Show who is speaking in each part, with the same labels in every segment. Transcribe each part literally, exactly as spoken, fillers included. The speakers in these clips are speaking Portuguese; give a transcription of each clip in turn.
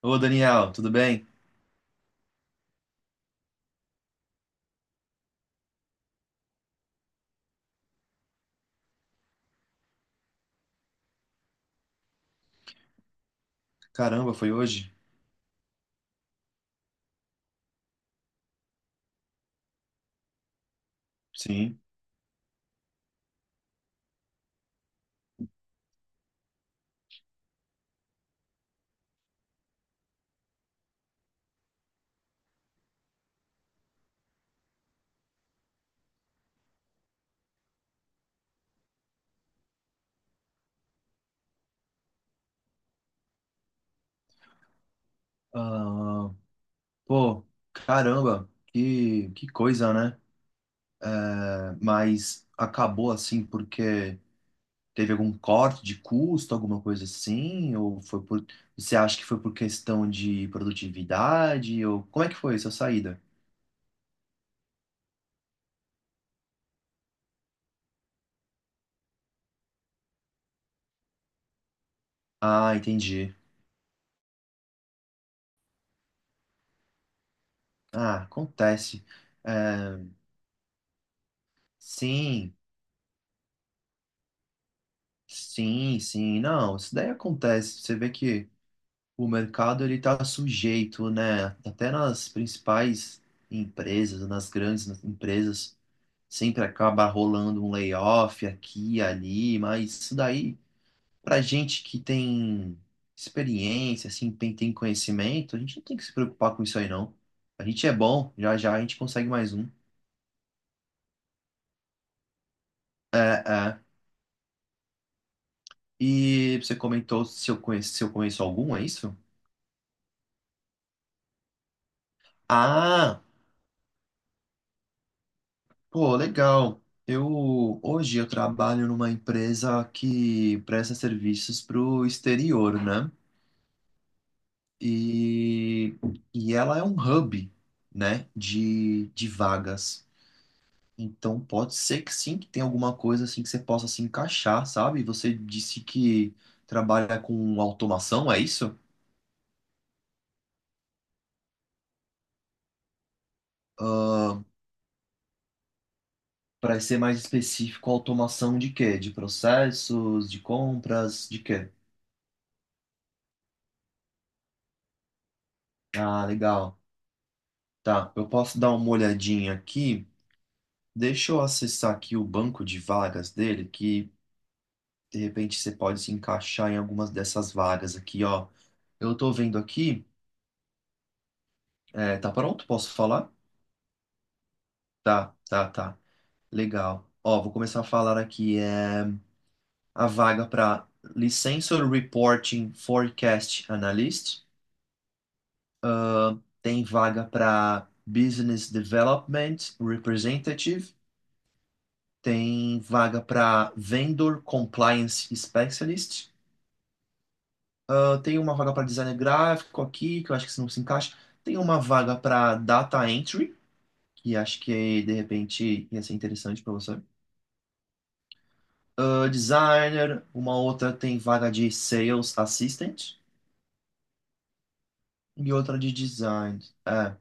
Speaker 1: Ô, Daniel, tudo bem? Caramba, foi hoje? Sim. Ah, pô, caramba, que, que coisa, né? Mas acabou assim porque teve algum corte de custo, alguma coisa assim? Ou foi por. Você acha que foi por questão de produtividade? Ou como é que foi essa saída? Ah, entendi. Ah, acontece. É, sim, sim, sim. Não, isso daí acontece. Você vê que. O mercado ele está sujeito, né? Até nas principais empresas, nas grandes empresas, sempre acaba rolando um layoff aqui e ali, mas isso daí, para gente que tem experiência, assim, tem tem conhecimento, a gente não tem que se preocupar com isso aí, não. A gente é bom, já já a gente consegue mais um. É, é. E você comentou se eu conheço, se eu conheço algum, é isso? Ah! Pô, legal. Eu hoje eu trabalho numa empresa que presta serviços para o exterior, né? E, e ela é um hub, né, de, de vagas. Então pode ser que sim, que tenha alguma coisa assim que você possa se encaixar, sabe? Você disse que trabalha com automação, é isso? Para ser mais específico, automação de quê? De processos, de compras, de quê? Ah, legal. Tá, eu posso dar uma olhadinha aqui. Deixa eu acessar aqui o banco de vagas dele, que de repente você pode se encaixar em algumas dessas vagas aqui, ó. Eu tô vendo aqui. É, tá pronto? Posso falar? Tá, tá, tá. Legal. Ó, vou começar a falar aqui. É, a vaga para Licensor Reporting Forecast Analyst. Tem vaga para Business Development Representative. Tem vaga para Vendor Compliance Specialist. Eu tenho uma vaga para designer gráfico aqui, que eu acho que isso não se encaixa. Tem uma vaga para data entry, que acho que de repente ia ser interessante para você. Uh, designer, uma outra tem vaga de sales assistant e outra de design. É,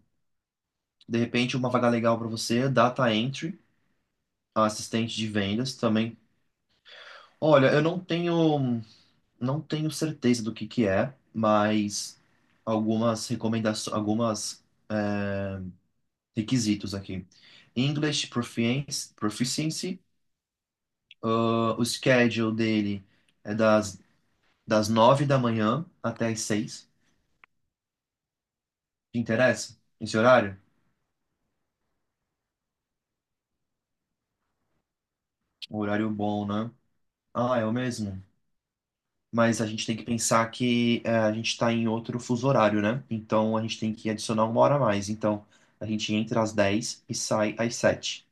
Speaker 1: de repente uma vaga legal para você, data entry, assistente de vendas também. Olha, eu não tenho não tenho certeza do que que é, mas algumas recomendações, algumas requisitos aqui. English Proficiency, proficiency, ah, o schedule dele é das, das nove da manhã até as seis. Te interessa esse horário? Um horário bom, né? Ah, é o mesmo. Mas a gente tem que pensar que eh, a gente está em outro fuso horário, né? Então a gente tem que adicionar uma hora a mais. Então a gente entra às dez e sai às sete.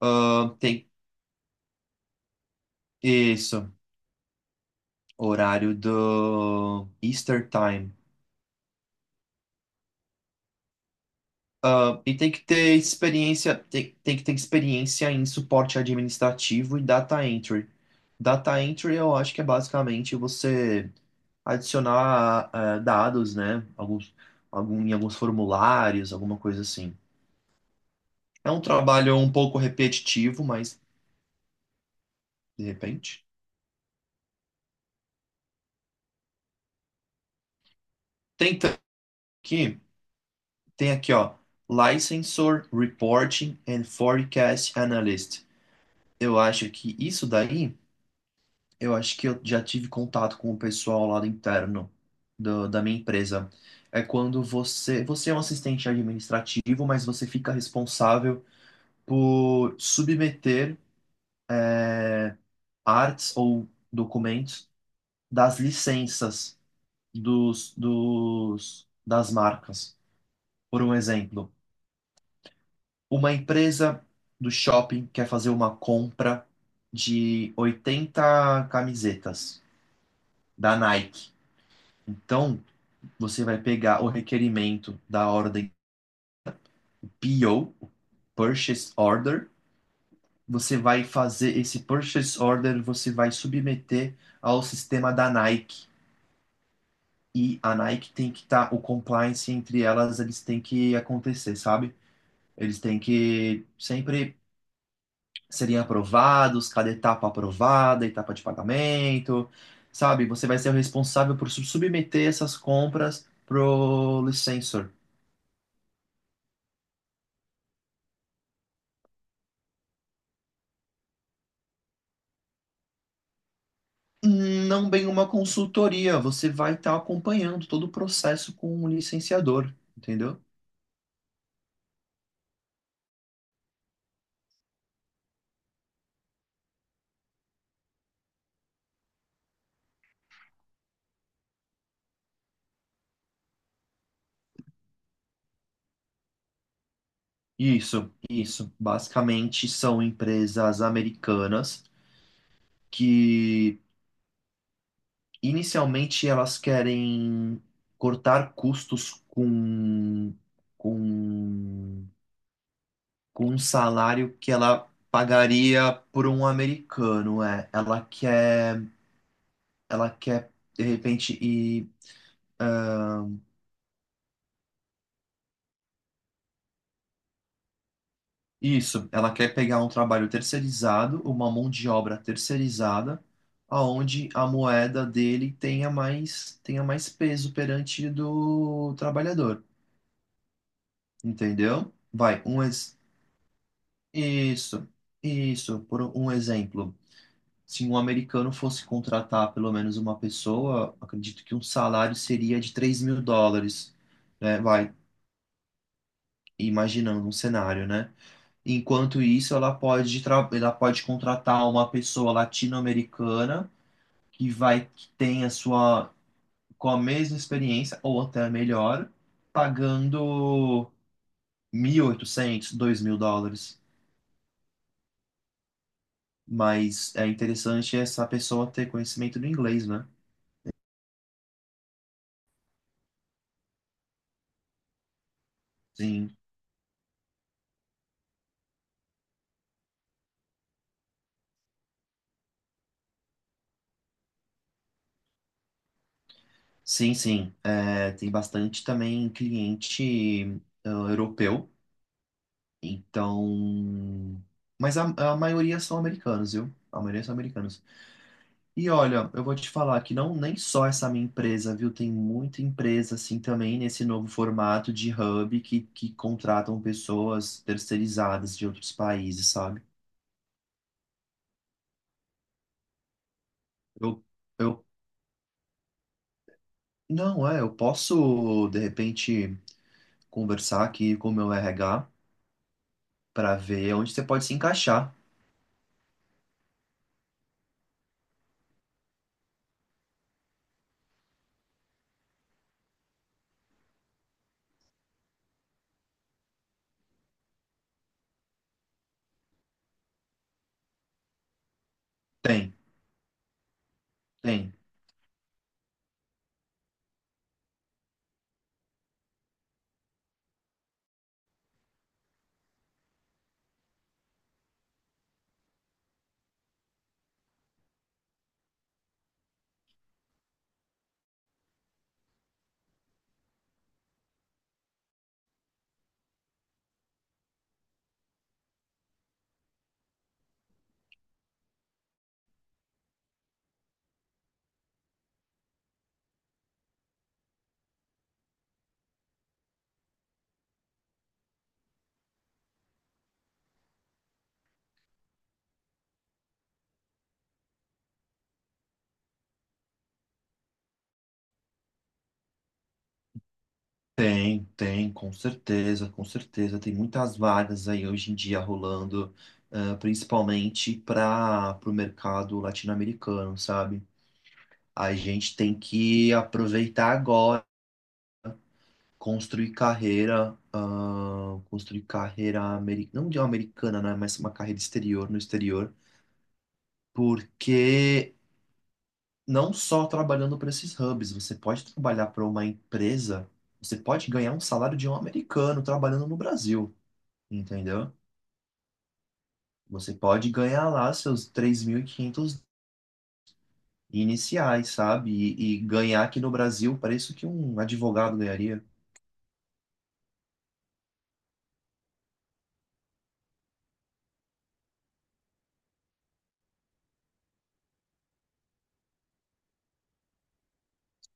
Speaker 1: Ah, tem isso, horário do Easter Time. Ah, e tem que ter experiência, tem, tem que ter experiência em suporte administrativo e data entry. Data entry eu acho que é basicamente você adicionar ah, dados, né? Alguns, algum, em alguns formulários, alguma coisa assim. É um trabalho um pouco repetitivo, mas de repente. Tem tam- Aqui, tem aqui, ó, Licensor Reporting and Forecast Analyst. Eu acho que isso daí. Eu acho que eu já tive contato com o pessoal lá do interno do- da minha empresa. É quando você, você é um assistente administrativo, mas você fica responsável por submeter é, artes ou documentos das licenças dos, dos, das marcas. Por um exemplo, uma empresa do shopping quer fazer uma compra de oitenta camisetas da Nike. Então, você vai pegar o requerimento da ordem P O, Purchase Order. Você vai fazer esse Purchase Order, você vai submeter ao sistema da Nike. E a Nike tem que estar, tá, o compliance entre elas, eles têm que acontecer, sabe? Eles têm que sempre serem aprovados, cada etapa aprovada, etapa de pagamento, sabe? Você vai ser o responsável por sub- submeter essas compras pro licensor. Não bem uma consultoria, você vai estar acompanhando todo o processo com um licenciador, entendeu? Isso, isso. Basicamente são empresas americanas que inicialmente elas querem cortar custos com, com, com um salário que ela pagaria por um americano, é. Ela quer, ela quer de repente ir. Isso, ela quer pegar um trabalho terceirizado, uma mão de obra terceirizada, aonde a moeda dele tenha mais, tenha mais peso perante do trabalhador, entendeu? Vai, um ex... Isso, isso, por um exemplo. Se um americano fosse contratar pelo menos uma pessoa, acredito que um salário seria de três mil dólares, né? Vai, imaginando um cenário, né? Enquanto isso, ela pode, tra- ela pode contratar uma pessoa latino-americana que vai que tem a sua com a mesma experiência ou até melhor, pagando mil e oitocentos dois mil dólares. Mas é interessante essa pessoa ter conhecimento do inglês, né? Sim, sim, sim. É, tem bastante também cliente ah, europeu. Então, mas a, a maioria são americanos, viu? A maioria são americanos. E olha, eu vou te falar que não nem só essa minha empresa, viu? Tem muita empresa assim também nesse novo formato de hub que, que contratam pessoas terceirizadas de outros países, sabe? Eu, eu não é, eu posso de repente conversar aqui com o meu R H para ver onde você pode se encaixar. Tem, tem. Tem, tem, com certeza, com certeza. Tem muitas vagas aí hoje em dia rolando, ah, principalmente para o mercado latino-americano, sabe? A gente tem que aproveitar agora, construir carreira, ah, construir carreira, ameri- não de uma americana, né? Mas uma carreira exterior, no exterior, porque não só trabalhando para esses hubs, você pode trabalhar para uma empresa, você pode ganhar um salário de um americano trabalhando no Brasil, entendeu? Você pode ganhar lá seus três mil e quinhentos iniciais, sabe? E, e ganhar aqui no Brasil o preço que um advogado ganharia.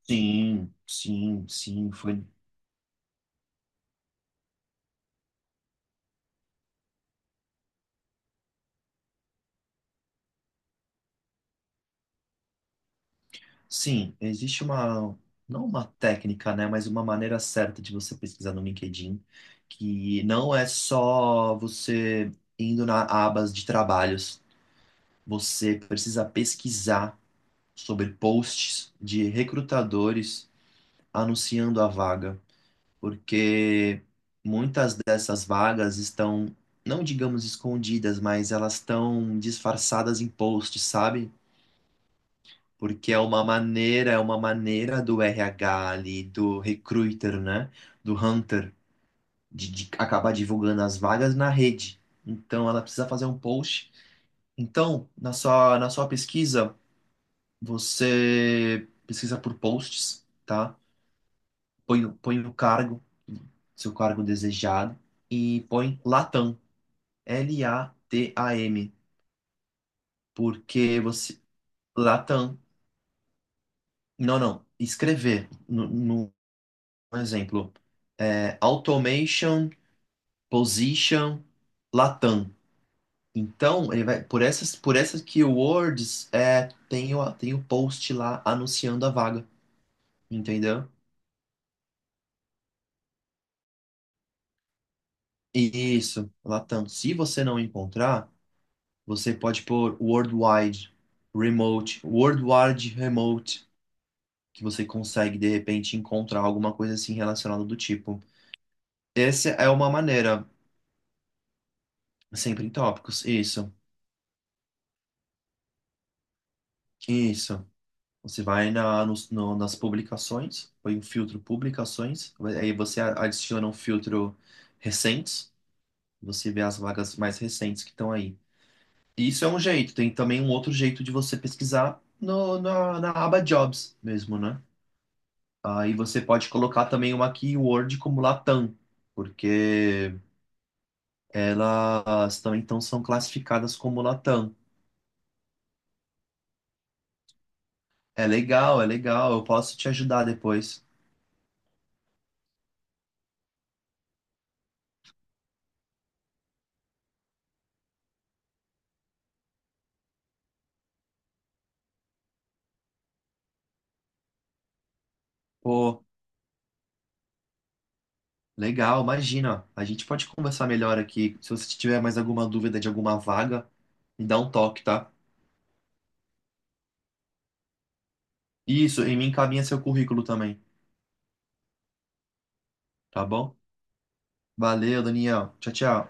Speaker 1: Sim, sim, sim, foi. Sim, existe uma, não uma técnica, né, mas uma maneira certa de você pesquisar no LinkedIn, que não é só você indo na abas de trabalhos. Você precisa pesquisar sobre posts de recrutadores anunciando a vaga, porque muitas dessas vagas estão, não digamos escondidas, mas elas estão disfarçadas em posts, sabe? Porque é uma maneira, é uma maneira do R H ali, do recruiter, né? Do hunter, de, de acabar divulgando as vagas na rede. Então ela precisa fazer um post. Então, na sua, na sua pesquisa, você pesquisa por posts, tá? Põe, o- põe o cargo, seu cargo desejado, e põe Latam. L-A-T-A-M, porque você. Latam. Não, não. Escrever, no, no um exemplo. É, automation, position, Latam. Então, ele vai, por essas, por essas keywords, é, tem o, tem o post lá anunciando a vaga, entendeu? Isso, Latam. Se você não encontrar, você pode pôr worldwide, remote, worldwide remote. Que você consegue de repente encontrar alguma coisa assim relacionada do tipo. Essa é uma maneira, sempre em tópicos, isso, isso. Você vai na, nos- no- nas publicações, põe um filtro publicações, aí você a- adiciona um filtro recentes, você vê as vagas mais recentes que estão aí. Isso é um jeito, tem também um outro jeito de você pesquisar no, na, na aba Jobs mesmo, né? Aí você pode colocar também uma keyword como Latam, porque elas também então são classificadas como Latam. É legal, é legal, eu posso te ajudar depois. Pô, legal, imagina, a gente pode conversar melhor aqui. Se você tiver mais alguma dúvida de alguma vaga, me dá um toque, tá? Isso, e me encaminha seu currículo também, tá bom? Valeu, Daniel. Tchau, tchau.